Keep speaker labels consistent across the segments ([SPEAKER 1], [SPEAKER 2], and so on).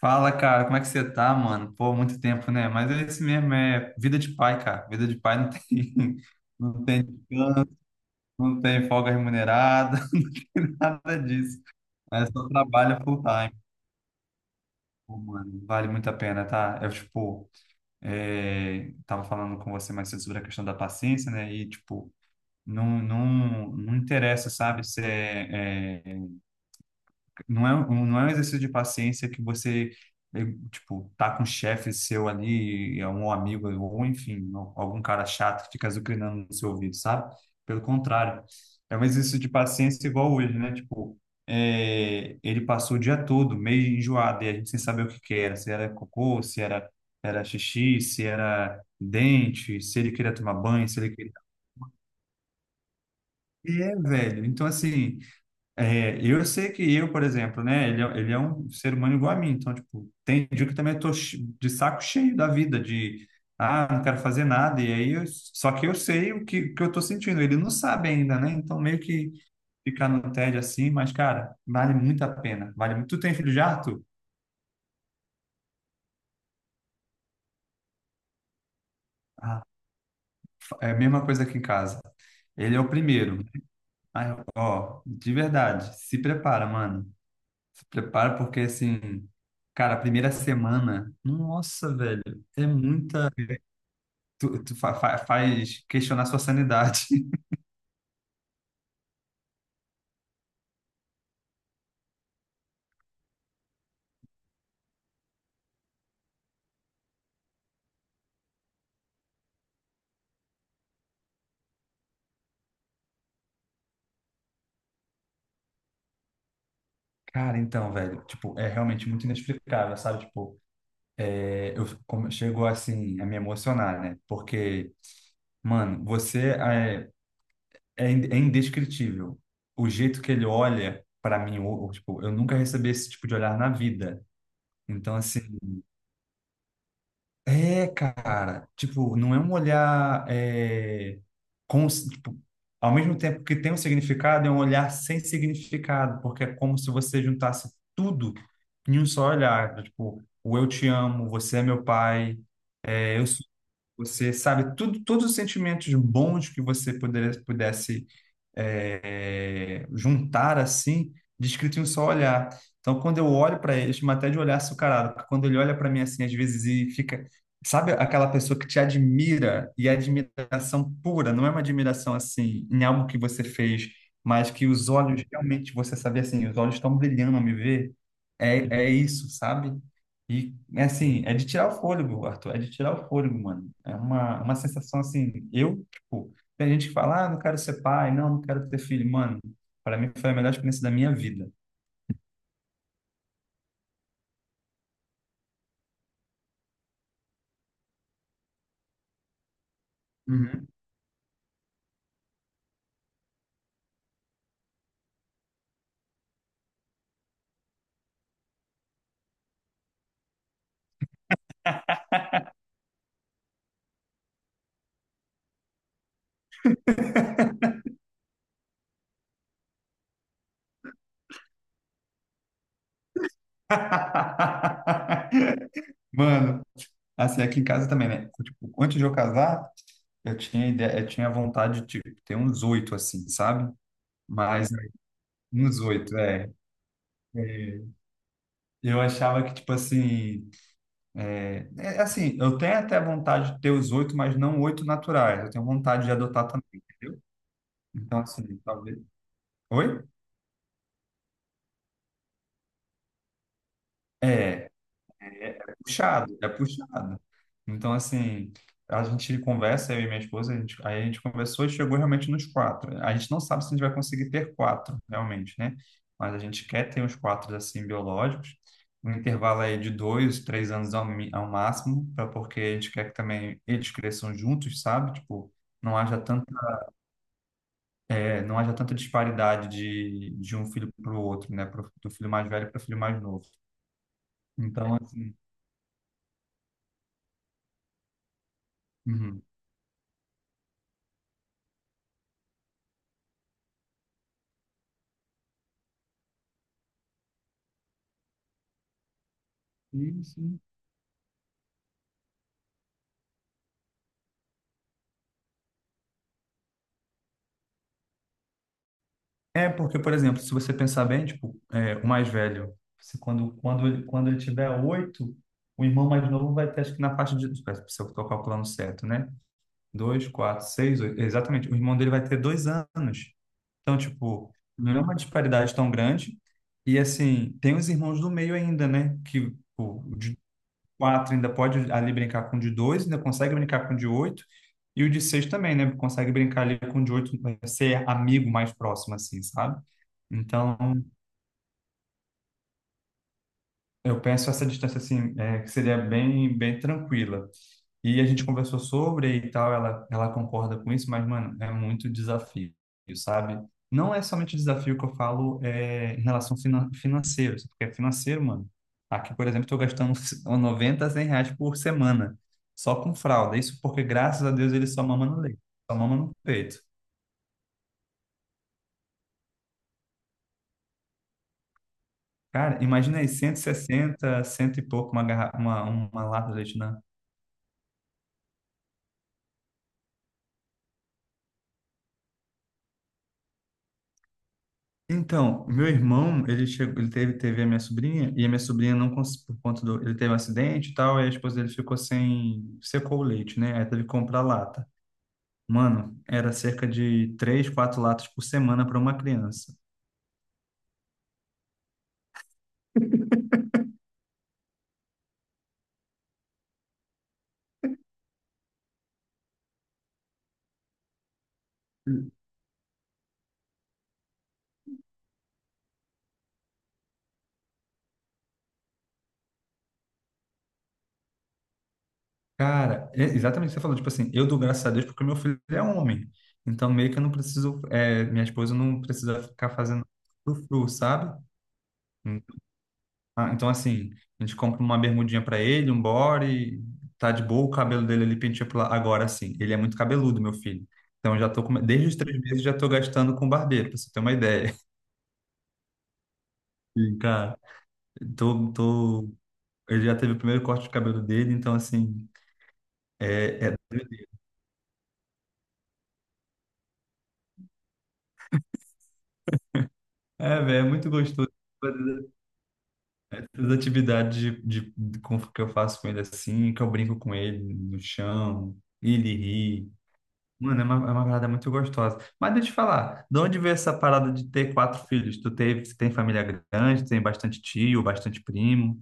[SPEAKER 1] Fala, cara, como é que você tá, mano? Pô, muito tempo, né? Mas é isso mesmo, é vida de pai, cara. Vida de pai não tem, não tem descanso, não tem folga remunerada, não tem nada disso. É só trabalho full time. Pô, mano, vale muito a pena, tá? Eu, tipo, tava falando com você mais cedo sobre a questão da paciência, né? E, tipo, não, não, não interessa, sabe? Se é, é Não é, não é um exercício de paciência que você, eh, tipo, tá com um chefe seu ali, é um amigo, ou enfim, algum cara chato que fica azucrinando no seu ouvido, sabe? Pelo contrário, é um exercício de paciência igual hoje, né? Tipo, ele passou o dia todo meio enjoado e a gente sem saber o que que era, se era cocô, se era xixi, se era dente, se ele queria tomar banho, se ele queria... É, velho, então assim... É, eu sei que eu, por exemplo, né, ele é um ser humano igual a mim, então, tipo, tem dia que eu também tô de saco cheio da vida, de, ah, não quero fazer nada, e aí, só que eu sei o que, que eu tô sentindo, ele não sabe ainda, né, então meio que ficar no tédio assim, mas, cara, vale muito a pena, vale muito. Tu tem filho já, Arthur? Ah, é a mesma coisa aqui em casa, ele é o primeiro. Ah, ó, de verdade, se prepara, mano. Se prepara porque assim, cara, a primeira semana, nossa, velho, é muita. Tu faz questionar sua sanidade. Cara, então, velho, tipo, é realmente muito inexplicável, sabe? Tipo, eu como, chego assim a me emocionar, né? Porque, mano, você é indescritível. O jeito que ele olha pra mim, ou, tipo, eu nunca recebi esse tipo de olhar na vida. Então, assim. É, cara, tipo, não é um olhar, tipo, ao mesmo tempo que tem um significado, é um olhar sem significado, porque é como se você juntasse tudo em um só olhar, tipo, o eu te amo, você é meu pai, você sabe tudo, todos os sentimentos bons que você pudesse, juntar assim, descrito em um só olhar. Então, quando eu olho para ele, eu chamo até de olhar açucarado, porque quando ele olha para mim assim, às vezes e fica, sabe aquela pessoa que te admira e é admiração pura, não é uma admiração assim em algo que você fez, mas que os olhos realmente você sabe assim, os olhos estão brilhando ao me ver. É, é isso, sabe? E, assim, é de tirar o fôlego, Arthur, é de tirar o fôlego, mano. É uma sensação, assim, eu, tipo, tem gente que fala, ah, não quero ser pai, não, não quero ter filho. Mano, para mim foi a melhor experiência da minha vida. Uhum. Mano, assim, aqui em casa também, né? Tipo, antes de eu casar, eu tinha ideia, eu tinha vontade de, tipo, ter uns oito, assim, sabe? Mas, uns oito, é. É, eu achava que, tipo assim, é, é assim, eu tenho até vontade de ter os oito, mas não oito naturais. Eu tenho vontade de adotar também, entendeu? Então, assim, talvez. Oi? É, é puxado, é puxado. Então, assim, a gente conversa, eu e minha esposa, a gente, aí a gente conversou e chegou realmente nos quatro. A gente não sabe se a gente vai conseguir ter quatro, realmente, né? Mas a gente quer ter uns quatro, assim, biológicos. Um intervalo aí de 2, 3 anos ao máximo, para porque a gente quer que também eles cresçam juntos, sabe? Tipo, não haja tanto, não haja tanta disparidade de um filho para o outro, né? Do filho mais velho para o filho mais novo. Então, assim. Uhum. Sim, sim. É, porque, por exemplo, se você pensar bem, tipo, o mais velho, se quando, quando ele tiver oito, o irmão mais novo vai ter, acho que na faixa de, espera, se eu estou calculando certo, né? Dois, quatro, seis, oito. Exatamente. O irmão dele vai ter 2 anos. Então, tipo, não é uma disparidade tão grande. E, assim, tem os irmãos do meio ainda, né? Que, tipo, quatro ainda pode ali brincar com o de dois, ainda consegue brincar com o de oito, e o de seis também, né? Consegue brincar ali com o de oito, ser amigo mais próximo, assim, sabe? Então, eu penso essa distância, assim, que seria bem, bem tranquila. E a gente conversou sobre e tal, ela concorda com isso, mas, mano, é muito desafio, sabe? Não é somente desafio que eu falo, em relação financeiro, porque financeiro, mano, aqui, por exemplo, estou gastando 90, R$ 100 por semana, só com fralda. Isso porque, graças a Deus, ele só mama no leite, só mama no peito. Cara, imagina aí, 160, cento e pouco, uma, uma lata de leite na... Então, meu irmão, ele chegou, ele teve a minha sobrinha, e a minha sobrinha não conseguiu, por conta do, ele teve um acidente e tal, e a esposa dele ficou sem, secou o leite, né? Aí teve que comprar lata. Mano, era cerca de três, quatro latas por semana para uma criança. Cara, é exatamente o que você falou, tipo assim, eu dou graças a Deus porque meu filho é homem. Então, meio que eu não preciso, minha esposa não precisa ficar fazendo frufru, sabe? Ah, então, assim, a gente compra uma bermudinha pra ele, um body, tá de boa, o cabelo dele ali penteia pro lado. Agora, assim, ele é muito cabeludo, meu filho. Então, eu já desde os 3 meses já tô gastando com barbeiro, pra você ter uma ideia. E, cara, tô, tô... ele já teve o primeiro corte de cabelo dele, então, assim, é, é, velho, é muito gostoso. As atividades que eu faço com ele assim, que eu brinco com ele no chão, ele ri. Mano, é uma parada muito gostosa. Mas deixa eu te falar, de onde veio essa parada de ter quatro filhos? Você tem família grande, tem bastante tio, bastante primo?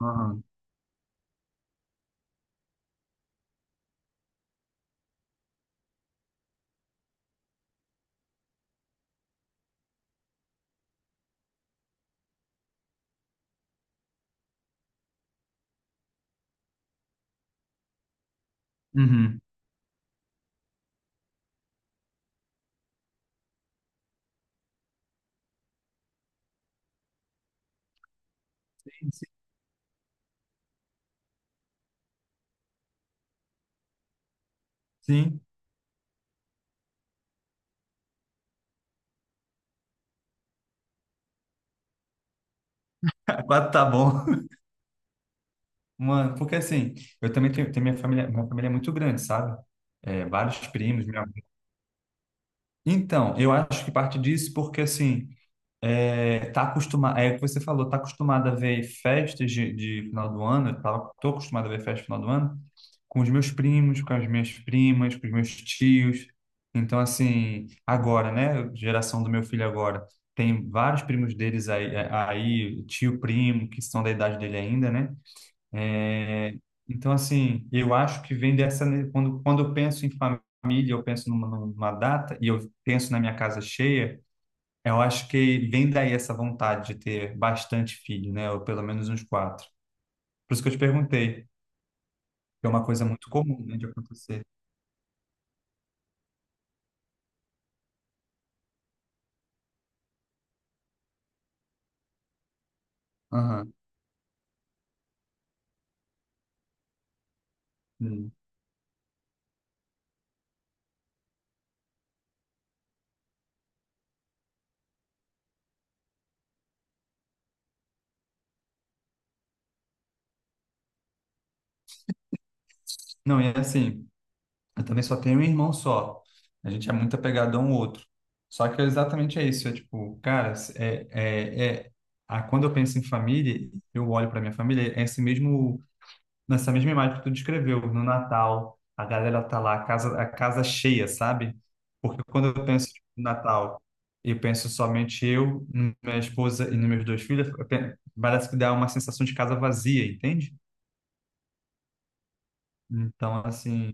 [SPEAKER 1] Aham. Uhum. Sim, sim. Sim. Quatro tá bom. Mano, porque assim, eu também tenho minha família é muito grande, sabe? É, vários primos. Então, eu acho que parte disso porque, assim, tá acostumado, é o que você falou, tá acostumado a ver festas de final do ano, tô acostumado a ver festa de final do ano com os meus primos, com as minhas primas, com os meus tios. Então, assim, agora, né, geração do meu filho agora, tem vários primos deles aí, aí, tio, primo, que são da idade dele ainda, né? É, então, assim, eu acho que vem dessa, né? Quando eu penso em família, eu penso numa data e eu penso na minha casa cheia, eu acho que vem daí essa vontade de ter bastante filho, né? Ou pelo menos uns quatro. Por isso que eu te perguntei, que é uma coisa muito comum, né, de acontecer. Aham. Hum. Não, e assim. Eu também só tenho um irmão só. A gente é muito apegado a um outro. Só que é exatamente isso. É tipo, cara, quando eu penso em família, eu olho para minha família, é esse mesmo, nessa mesma imagem que tu descreveu, no Natal, a galera tá lá, a casa cheia, sabe? Porque quando eu penso tipo, no Natal e penso somente eu, minha esposa e nos meus dois filhos, parece que dá uma sensação de casa vazia, entende? Então, assim,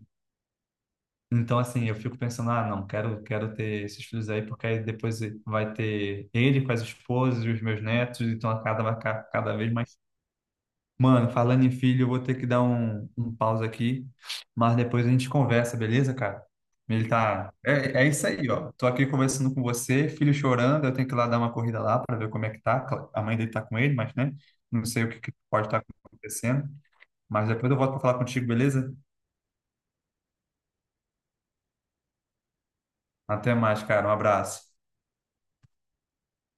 [SPEAKER 1] Então, assim, eu fico pensando, ah, não, quero ter esses filhos aí, porque aí depois vai ter ele com as esposas e os meus netos, então a casa vai ficar cada vez mais. Mano, falando em filho, eu vou ter que dar um pause aqui, mas depois a gente conversa, beleza, cara? Ele tá. É, é isso aí, ó. Tô aqui conversando com você, filho chorando, eu tenho que ir lá dar uma corrida lá para ver como é que tá. A mãe dele tá com ele, mas, né? Não sei o que que pode estar acontecendo. Mas depois eu volto para falar contigo, beleza? Até mais, cara. Um abraço.